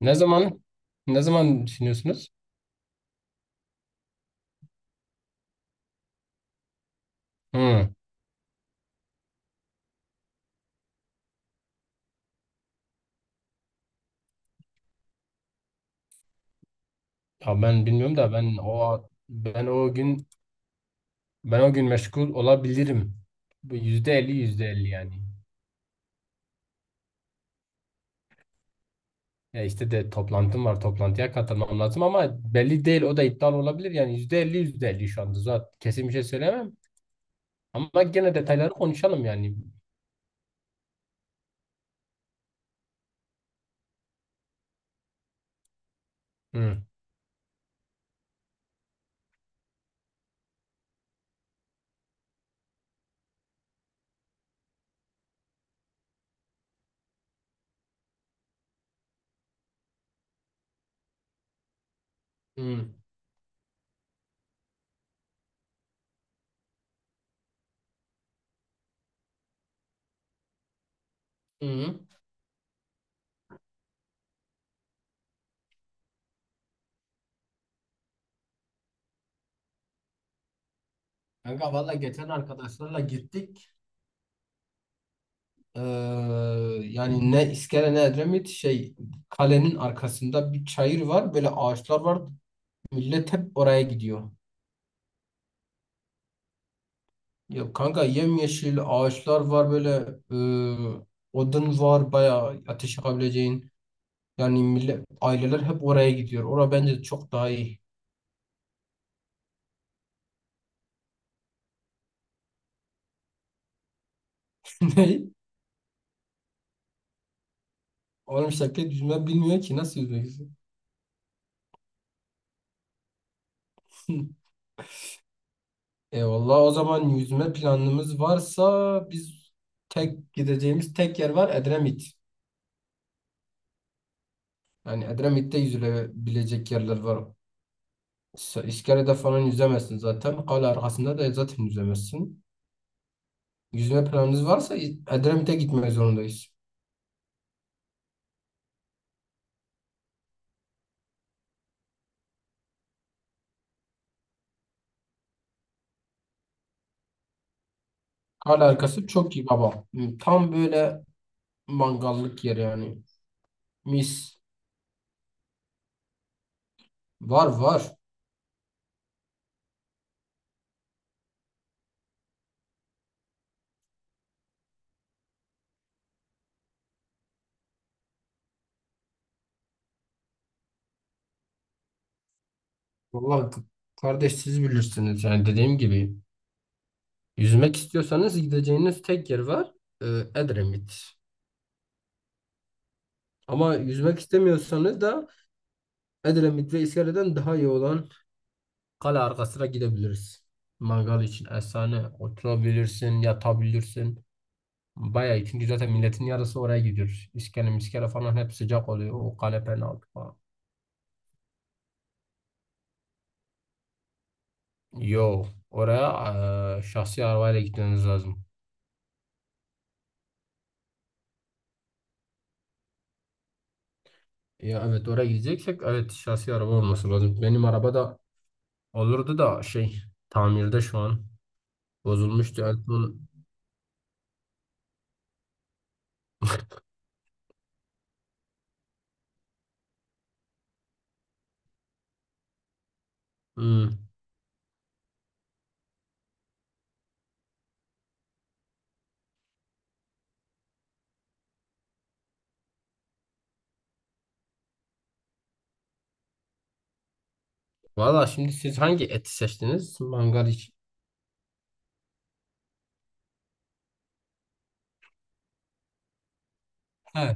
Ne zaman ne zaman düşünüyorsunuz? Hı. Ya ben bilmiyorum da ben o gün ben o gün meşgul olabilirim. Bu yüzde elli yüzde elli yani. Ya işte toplantım var, toplantıya katılmam lazım, ama belli değil, o da iptal olabilir. Yani yüzde elli yüzde elli şu anda, zaten kesin bir şey söyleyemem. Ama gene detayları konuşalım yani. Hı. Hı hı. Kanka valla geçen arkadaşlarla gittik. Ee, Yani ne iskele ne Edremit, kalenin arkasında bir çayır var, böyle ağaçlar var, millet hep oraya gidiyor. Ya kanka yemyeşil ağaçlar var böyle, e, odun var bayağı, ateş yakabileceğin. Yani millet, aileler hep oraya gidiyor. Ora bence çok daha iyi. Ne? Oğlum şirket yüzme bilmiyor ki, nasıl yüzeceksin? Eyvallah, o zaman yüzme planımız varsa biz, tek gideceğimiz tek yer var: Edremit. Yani Edremit'te yüzülebilecek yerler var. İskele'de falan yüzemezsin zaten. Kale arkasında da zaten yüzemezsin. Yüzme planınız varsa Edremit'e gitmek zorundayız. Kale arkası çok iyi baba. Hmm, tam böyle mangallık yer yani. Mis. Var var. Vallahi kardeş, siz bilirsiniz. Yani dediğim gibi, yüzmek istiyorsanız gideceğiniz tek yer var. Ee, Edremit. Ama yüzmek istemiyorsanız da Edremit ve İskele'den daha iyi olan kale arkasına gidebiliriz. Mangal için efsane, oturabilirsin, yatabilirsin. Bayağı iyi, çünkü zaten milletin yarısı oraya gidiyor. İskele miskele falan hep sıcak oluyor. O kale penaltı falan. Yo Oraya şahsi arabayla gitmeniz lazım. Ya evet, oraya gideceksek evet, şahsi araba olması lazım. Benim araba da olurdu da tamirde şu an. Bozulmuştu en son. Hmm. Valla, şimdi siz hangi eti seçtiniz? Mangal için. He,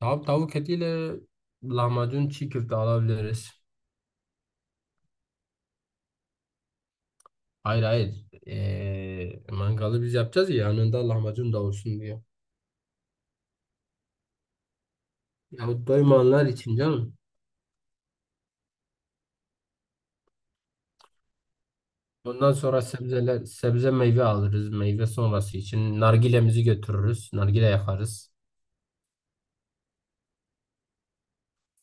tamam, tavuk etiyle lahmacun, çiğ köfte alabiliriz. Hayır hayır. Mangalı biz yapacağız ya, yanında lahmacun da olsun diye. Ya doymayanlar için canım. Ondan sonra sebzeler, sebze meyve alırız. Meyve sonrası için nargilemizi götürürüz, nargile yakarız.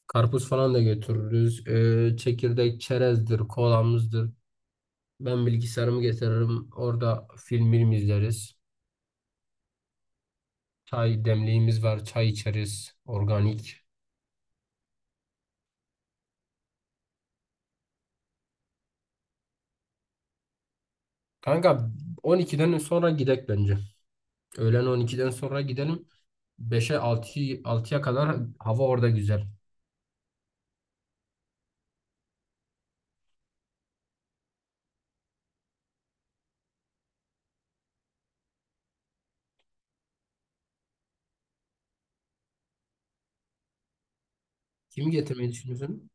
Karpuz falan da götürürüz. Çekirdek, çerezdir, kolamızdır. Ben bilgisayarımı getiririm, orada film izleriz. Çay demliğimiz var, çay içeriz. Organik. Kanka 12'den sonra gidek bence. Öğlen 12'den sonra gidelim. Beşe altıya 6'ya kadar hava orada güzel. Kimi getirmeyi düşünüyorsun?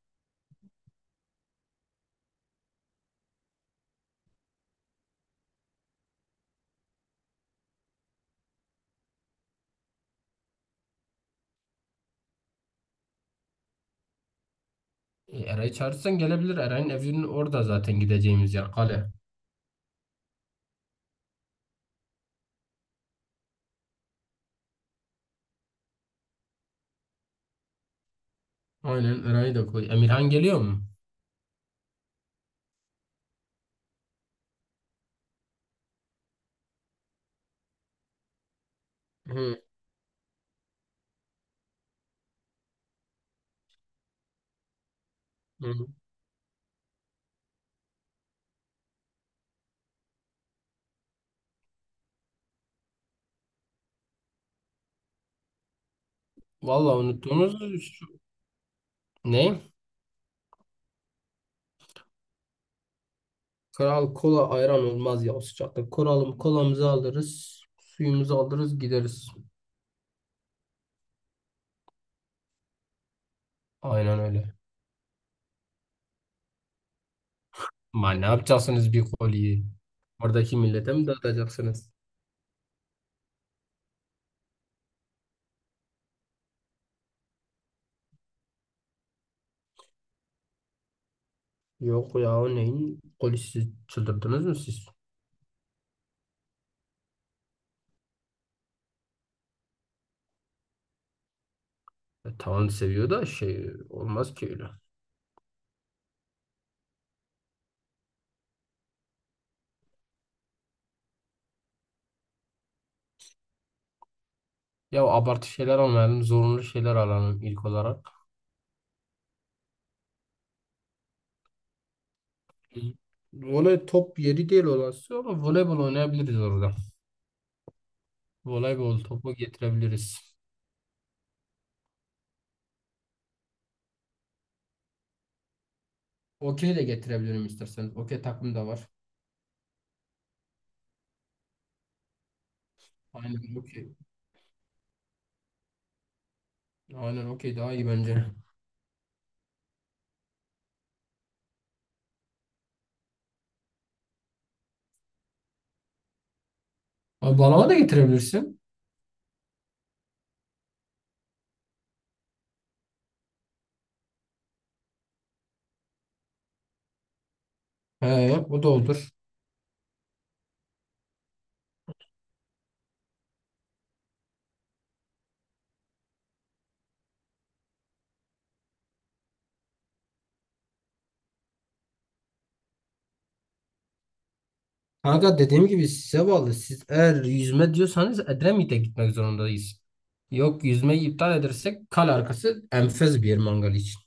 E, Eray'ı çağırırsan gelebilir. Eray'ın evinin orada zaten gideceğimiz yer, kale. Aynen, Eray'ı da koy. Emirhan geliyor mu? Hı hı. Vallahi unuttuğumuz şu- ne? Kral kola, ayran olmaz ya o sıcakta. Koralım, kolamızı alırız, suyumuzu alırız, gideriz. Aynen öyle. Ma ne yapacaksınız bir koliyi? Oradaki millete mi dağıtacaksınız? Yok ya, o neyin polisi, çıldırdınız mı siz? E, tamam seviyor da şey olmaz ki öyle. Ya abartı şeyler almayalım, zorunlu şeyler alalım ilk olarak. Hı. Voley top yeri değil olası ama voleybol oynayabiliriz orada. Voleybol topu getirebiliriz. Okey de getirebilirim isterseniz, okey takım da var. Aynen okey. Aynen okey daha iyi bence. Abi, balona da getirebilirsin. He, o da olur. Kanka dediğim gibi size bağlı. Siz eğer yüzme diyorsanız Edremit'e gitmek zorundayız. Yok, yüzmeyi iptal edersek kale arkası enfes bir yer mangal için.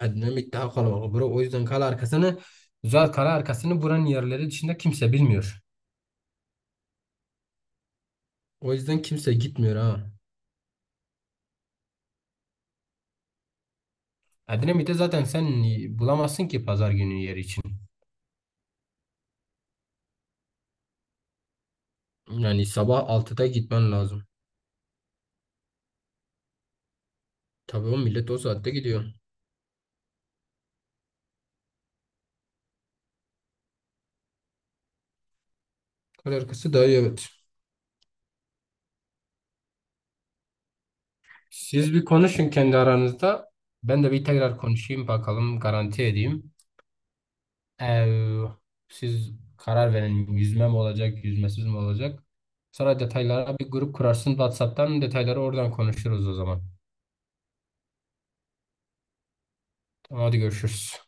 Edremit daha kalabalık bura. O yüzden kale arkasını, güzel, kale arkasını buranın yerleri dışında kimse bilmiyor. O yüzden kimse gitmiyor ha. Edremit'e zaten sen bulamazsın ki pazar günü yer için. Yani sabah altıda gitmen lazım. Tabii, o millet o saatte gidiyor. Kale arkası daha iyi, evet. Siz bir konuşun kendi aranızda. Ben de bir tekrar konuşayım bakalım, garanti edeyim. Eee, Siz karar verin, yüzme mi olacak yüzmesiz mi olacak. Sonra detaylara bir grup kurarsın WhatsApp'tan, detayları oradan konuşuruz o zaman. Tamam, hadi görüşürüz.